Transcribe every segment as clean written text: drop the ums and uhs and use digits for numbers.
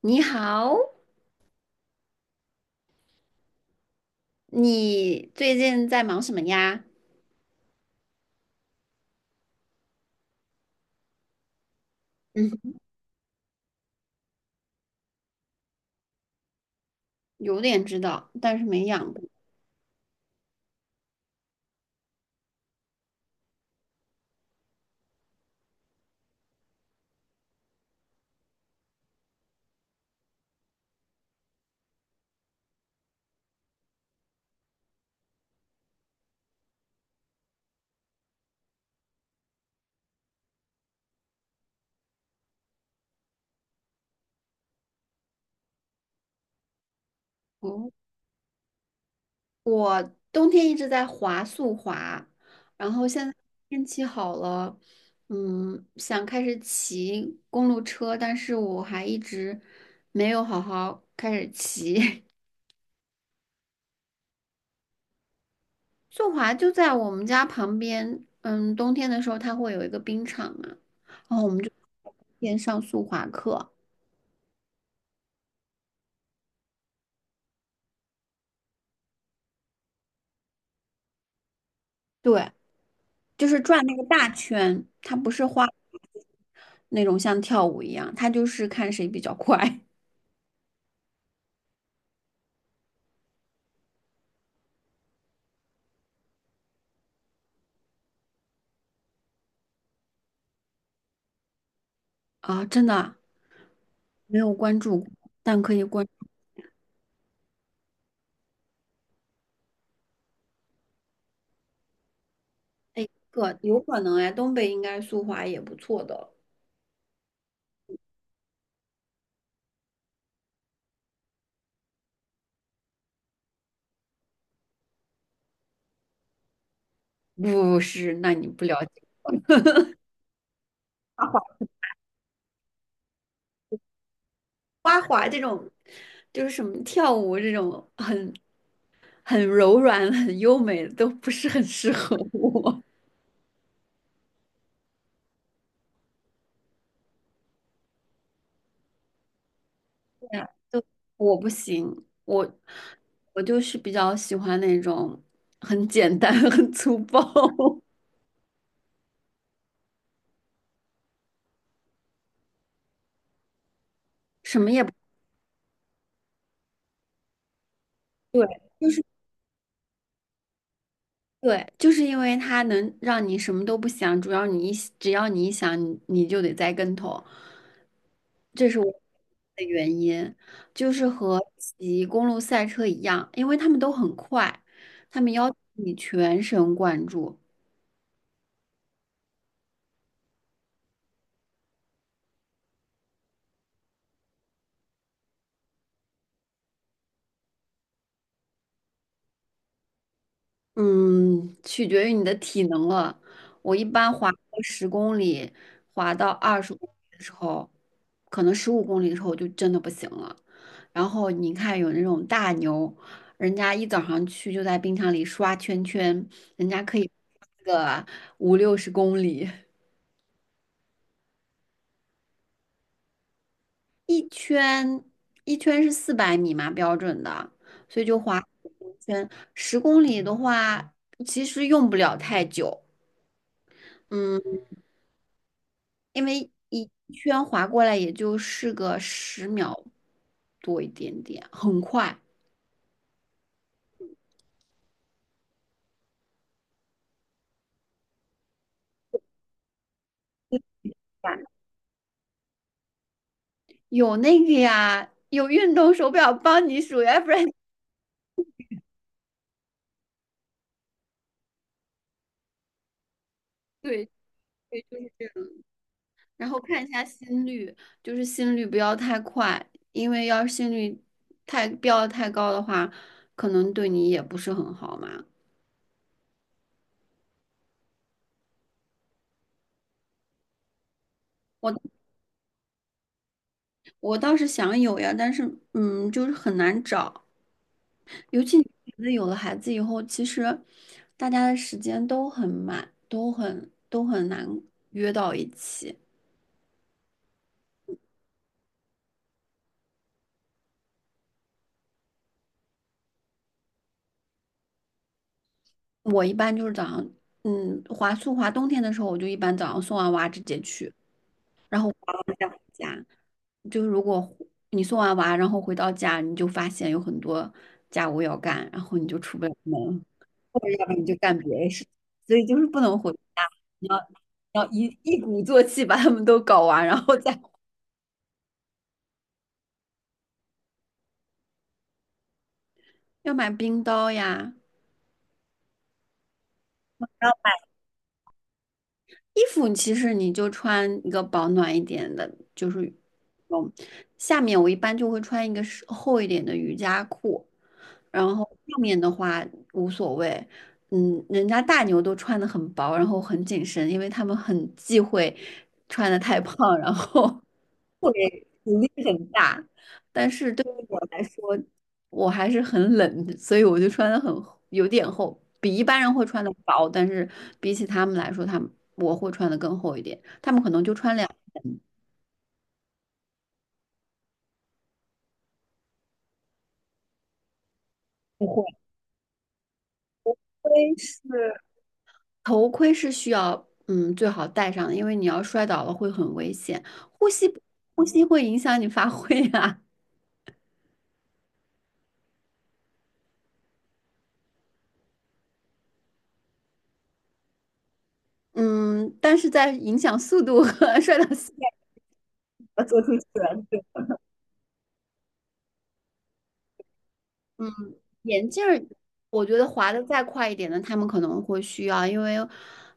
你好，你最近在忙什么呀？嗯哼，有点知道，但是没养过。哦，我冬天一直在滑速滑，然后现在天气好了，想开始骑公路车，但是我还一直没有好好开始骑。速滑就在我们家旁边，冬天的时候它会有一个冰场嘛，然后我们就天天上速滑课。对。就是转那个大圈，它不是花那种像跳舞一样，它就是看谁比较快 啊！真的啊没有关注过但可以关注。哎，可有可能哎，东北应该速滑也不错的。不是，那你不了解，啊 就是什么跳舞这种很很柔软、很优美的都不是很适合我，我不行，我就是比较喜欢那种很简单、很粗暴，什么也。对，就是对，就是因为它能让你什么都不想，主要只要你一想，你就得栽跟头，这是我的原因。就是和骑公路赛车一样，因为他们都很快，他们要求你全神贯注。嗯，取决于你的体能了。我一般滑个十公里，滑到20公里的时候，可能十五公里的时候我就真的不行了。然后你看有那种大牛，人家一早上去就在冰场里刷圈圈，人家可以刷个五六十公里，一圈一圈是400米嘛标准的，所以就滑1圈。十公里的话，其实用不了太久。嗯。因为一圈划过来也就是个10秒多一点点，很快。有那个呀，有运动手表帮你数呀，要不然 对对就是这样。然后看一下心率，就是心率不要太快，因为要是心率太高的话，可能对你也不是很好嘛。我我倒是想有呀，但是就是很难找。尤其你觉得有了孩子以后，其实大家的时间都很满，都很难约到一起。我一般就是早上，嗯，滑速滑冬天的时候，我就一般早上送完娃直接去。就是如果回你送完娃，然后回到家，你就发现有很多家务要干，然后你就出不了门，或者要不然你就干别的事情，所以就是不能回家，你要一鼓作气把他们都搞完，然后再要买冰刀呀。衣服其实你就穿一个保暖一点的，就是嗯，下面我一般就会穿一个是厚一点的瑜伽裤，然后上面的话无所谓。嗯，人家大牛都穿的很薄，然后很紧身，因为他们很忌讳穿的太 胖，然后会阻力很大。对于我来说，我还是很冷的所以我就穿的很有点厚，比一般人会穿的薄，但是比起他们来说，他们我会穿的更厚一点。他们可能就穿两，不会。盔是，头盔是需要嗯最好戴上的，因为你要摔倒了会很危险，呼吸呼吸会影响你发挥啊。嗯，但是在影响速度和 摔倒膝盖要做出选择。眼镜儿，我觉得滑的再快一点的，他们可能会需要，因为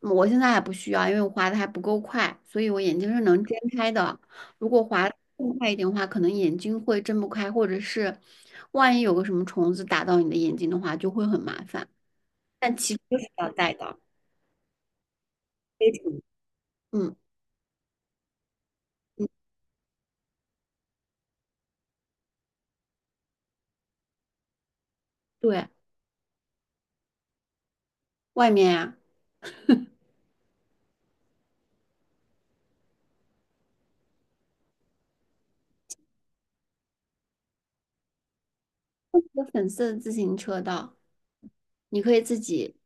我现在还不需要，因为我滑的还不够快，所以我眼睛是能睁开的。如果滑得更快一点的话，可能眼睛会睁不开，或者是万一有个什么虫子打到你的眼睛的话，就会很麻烦。但其实是要戴的，非常，嗯嗯，对，外面呀、粉色自行车道，你可以自己，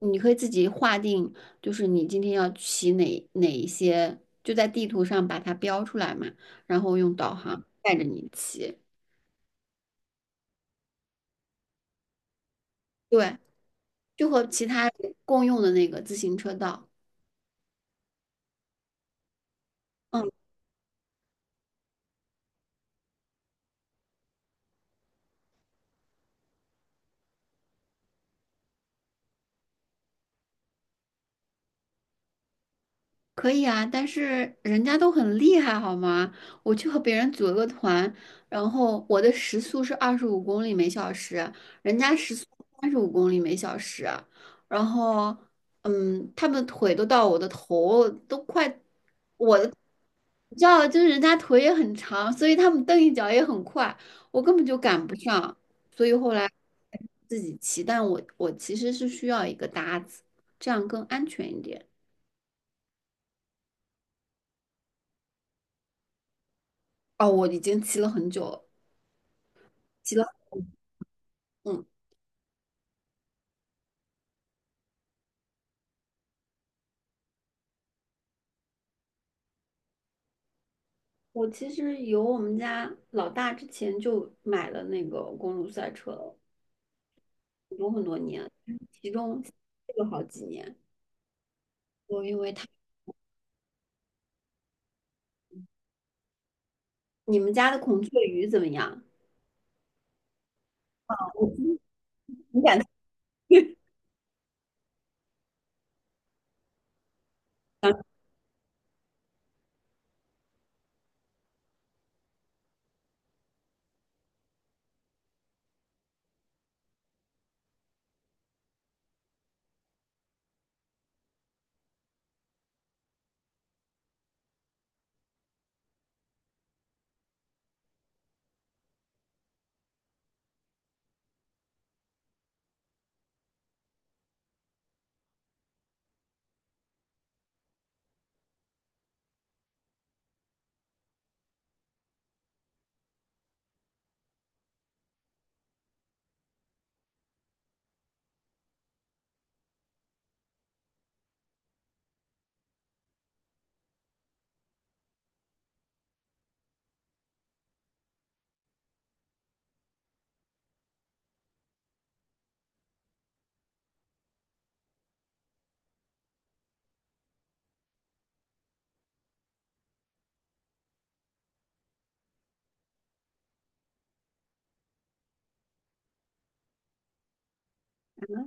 你可以自己划定，就是你今天要骑哪一些，就在地图上把它标出来嘛，然后用导航带着你骑。对，就和其他人共用的那个自行车道。嗯。可以啊，但是人家都很厉害，好吗？我去和别人组了个团，然后我的时速是25公里每小时，人家时速35公里每小时，然后，嗯，他们腿都到我的头，都快，你知道，就是人家腿也很长，所以他们蹬一脚也很快，我根本就赶不上，所以后来自己骑，但我其实是需要一个搭子，这样更安全一点。哦，我已经骑了很久了，骑了。嗯。我其实有我们家老大之前就买了那个公路赛车了，很多很多年，其中有好几年。我因为他，你们家的孔雀鱼怎么样？我你敢？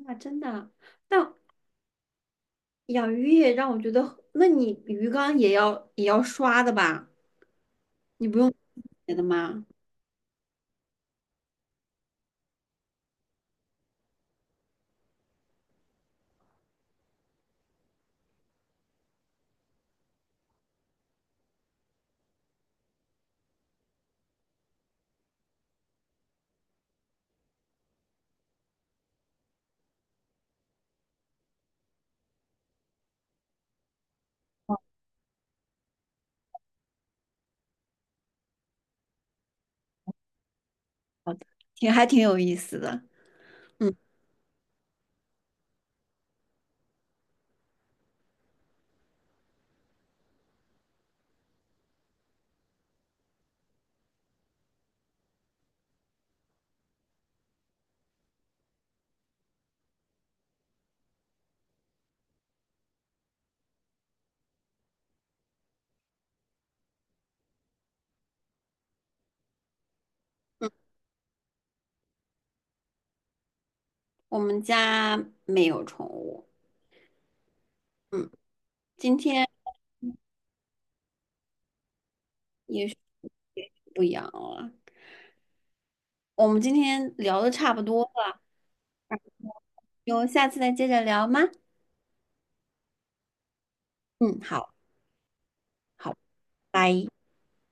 啊，真的，但养鱼也让我觉得，那你鱼缸也要刷的吧？你不用别的吗？挺还挺有意思的。我们家没有宠物，嗯，今天也许也许不养了，我们今天聊的差不多了，有下次再接着聊吗？嗯，好，好，拜。